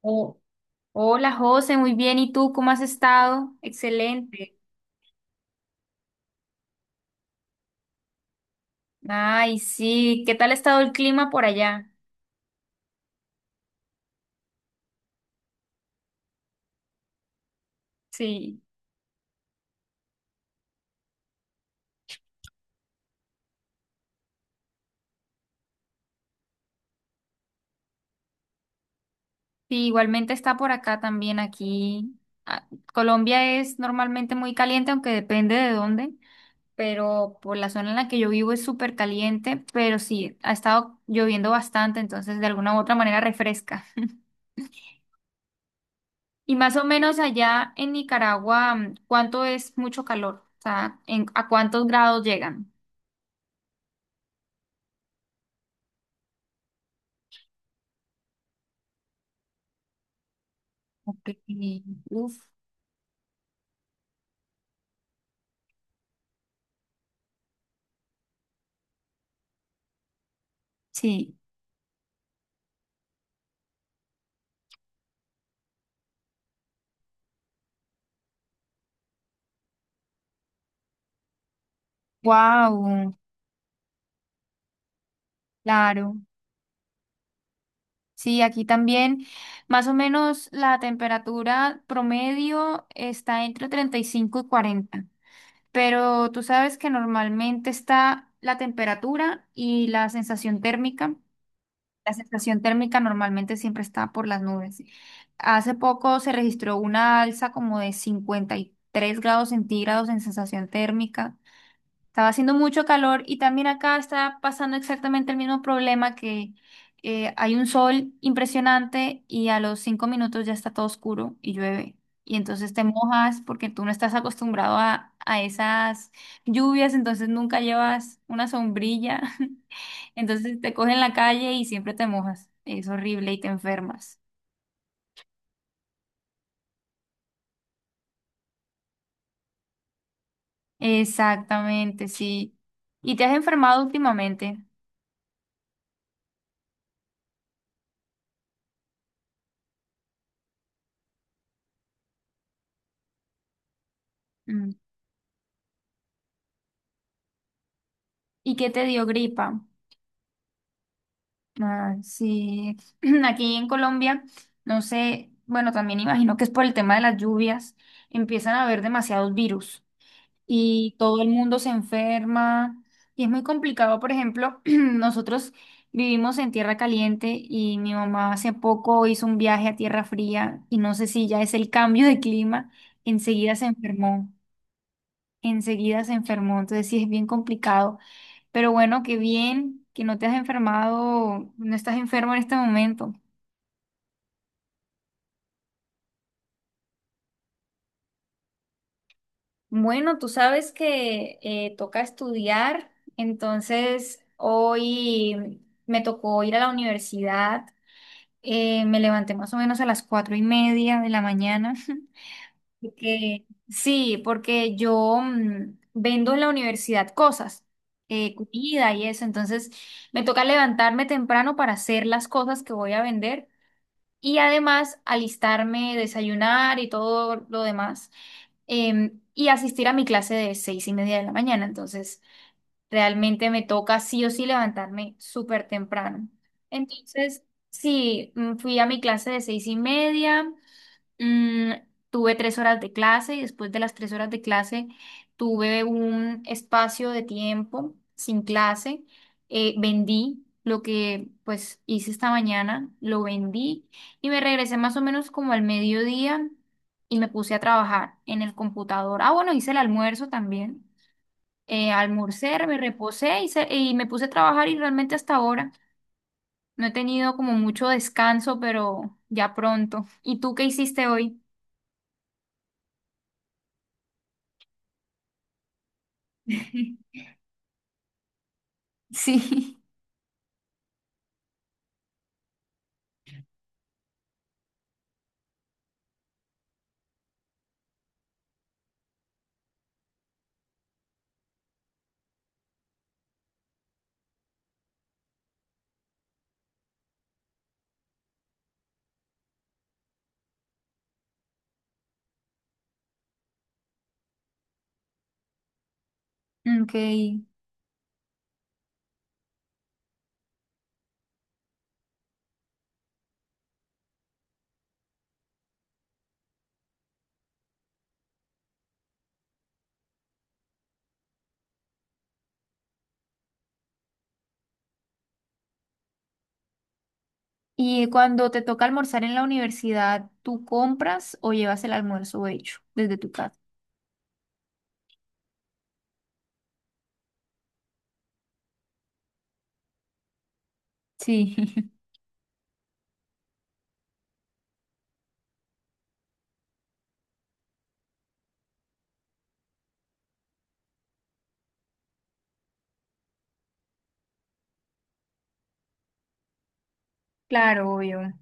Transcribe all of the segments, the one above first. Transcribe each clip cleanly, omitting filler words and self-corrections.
Oh, hola José, muy bien. ¿Y tú cómo has estado? Excelente. Ay, sí. ¿Qué tal ha estado el clima por allá? Sí. Sí, igualmente está por acá también aquí. Ah, Colombia es normalmente muy caliente, aunque depende de dónde, pero por la zona en la que yo vivo es súper caliente, pero sí, ha estado lloviendo bastante, entonces de alguna u otra manera refresca. Y más o menos allá en Nicaragua, ¿cuánto es mucho calor? O sea, ¿a cuántos grados llegan? Ok, uf, sí, wow, claro. Sí, aquí también más o menos la temperatura promedio está entre 35 y 40, pero tú sabes que normalmente está la temperatura y la sensación térmica. La sensación térmica normalmente siempre está por las nubes. Hace poco se registró una alza como de 53 grados centígrados en sensación térmica. Estaba haciendo mucho calor y también acá está pasando exactamente el mismo problema que hay un sol impresionante y a los 5 minutos ya está todo oscuro y llueve. Y entonces te mojas porque tú no estás acostumbrado a esas lluvias, entonces nunca llevas una sombrilla. Entonces te cogen en la calle y siempre te mojas. Es horrible y te enfermas. Exactamente, sí. ¿Y te has enfermado últimamente? Mm. ¿Y qué te dio gripa? Ah, sí, aquí en Colombia, no sé, bueno, también imagino que es por el tema de las lluvias, empiezan a haber demasiados virus y todo el mundo se enferma y es muy complicado. Por ejemplo, nosotros vivimos en tierra caliente y mi mamá hace poco hizo un viaje a tierra fría y no sé si ya es el cambio de clima, enseguida se enfermó, enseguida se enfermó, entonces sí es bien complicado. Pero bueno, qué bien que no te has enfermado, no estás enfermo en este momento. Bueno, tú sabes que toca estudiar, entonces hoy me tocó ir a la universidad, me levanté más o menos a las 4:30 de la mañana. Porque, sí, porque yo vendo en la universidad cosas, comida y eso, entonces me toca levantarme temprano para hacer las cosas que voy a vender y además alistarme, desayunar y todo lo demás, y asistir a mi clase de 6:30 de la mañana, entonces realmente me toca sí o sí levantarme súper temprano. Entonces, sí, fui a mi clase de 6:30. Mm, Tuve 3 horas de clase y después de las 3 horas de clase tuve un espacio de tiempo sin clase. Vendí lo que pues hice esta mañana, lo vendí y me regresé más o menos como al mediodía y me puse a trabajar en el computador. Ah, bueno, hice el almuerzo también. Almorcé, me reposé y me puse a trabajar y realmente hasta ahora no he tenido como mucho descanso, pero ya pronto. ¿Y tú qué hiciste hoy? Sí, ok. Y cuando te toca almorzar en la universidad, ¿tú compras o llevas el almuerzo hecho desde tu casa? Sí, claro, obvio.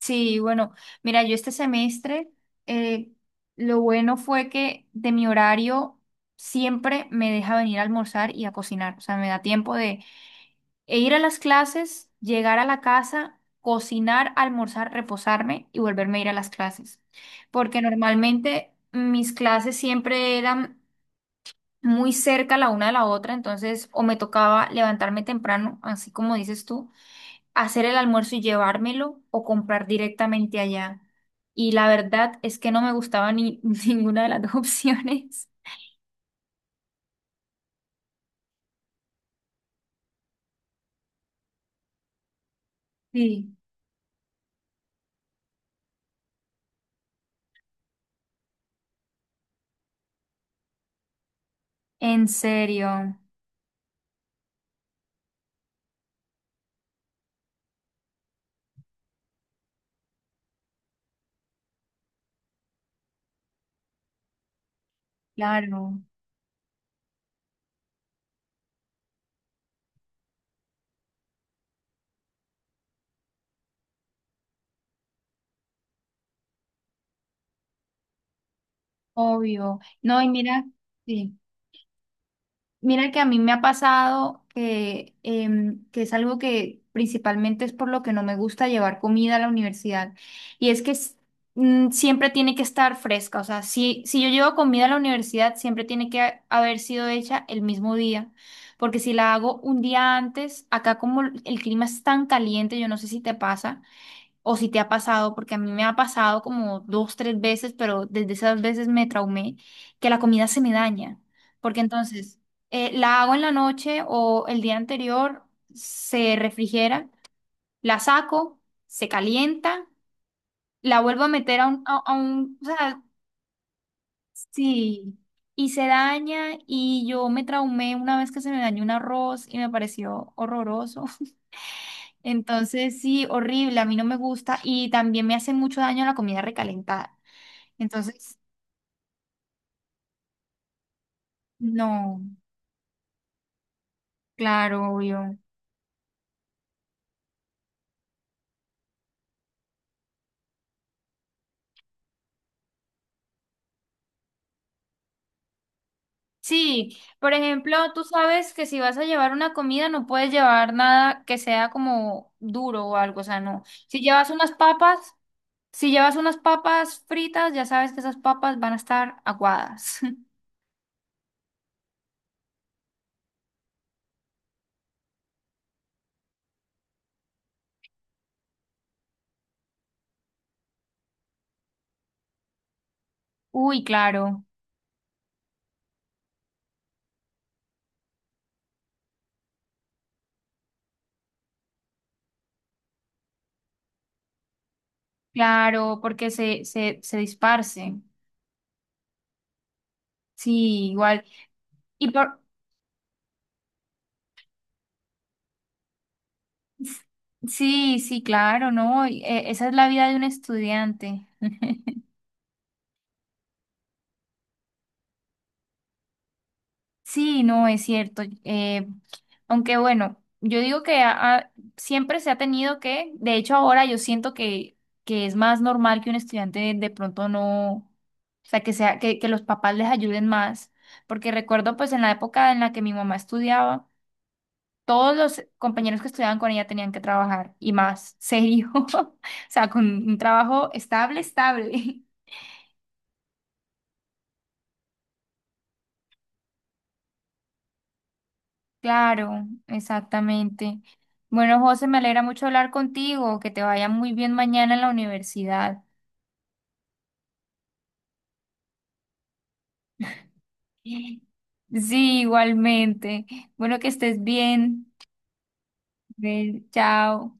Sí, bueno, mira, yo este semestre, eh, lo bueno fue que de mi horario siempre me deja venir a almorzar y a cocinar. O sea, me da tiempo de. E ir a las clases, llegar a la casa, cocinar, almorzar, reposarme y volverme a ir a las clases. Porque normalmente mis clases siempre eran muy cerca la una de la otra, entonces o me tocaba levantarme temprano, así como dices tú, hacer el almuerzo y llevármelo o comprar directamente allá. Y la verdad es que no me gustaba ni ninguna de las dos opciones. Sí, en serio, claro, obvio. No, y mira, sí. Mira que a mí me ha pasado que es algo que principalmente es por lo que no me gusta llevar comida a la universidad. Y es que siempre tiene que estar fresca. O sea, si yo llevo comida a la universidad, siempre tiene que haber sido hecha el mismo día. Porque si la hago un día antes, acá como el clima es tan caliente, yo no sé si te pasa o si te ha pasado, porque a mí me ha pasado como dos, tres veces, pero desde esas veces me traumé, que la comida se me daña, porque entonces la hago en la noche o el día anterior, se refrigera, la saco, se calienta, la vuelvo a meter a un, o sea, sí, y se daña, y yo me traumé una vez que se me dañó un arroz y me pareció horroroso. Entonces, sí, horrible, a mí no me gusta y también me hace mucho daño la comida recalentada. Entonces, no, claro, obvio. Sí, por ejemplo, tú sabes que si vas a llevar una comida no puedes llevar nada que sea como duro o algo, o sea, no. Si llevas unas papas, si llevas unas papas fritas, ya sabes que esas papas van a estar aguadas. Uy, claro, claro, porque se disparcen. Sí, igual. Y por... Sí, sí, claro, ¿no? Y, esa es la vida de un estudiante. Sí, no, es cierto. Aunque bueno, yo digo que siempre se ha tenido que, de hecho ahora yo siento que es más normal que un estudiante de pronto no, o sea, que sea, que los papás les ayuden más, porque recuerdo pues en la época en la que mi mamá estudiaba, todos los compañeros que estudiaban con ella tenían que trabajar y más serio, o sea, con un trabajo estable, estable. Claro, exactamente. Bueno, José, me alegra mucho hablar contigo, que te vaya muy bien mañana en la universidad. Sí, igualmente. Bueno, que estés bien. Ven, chao.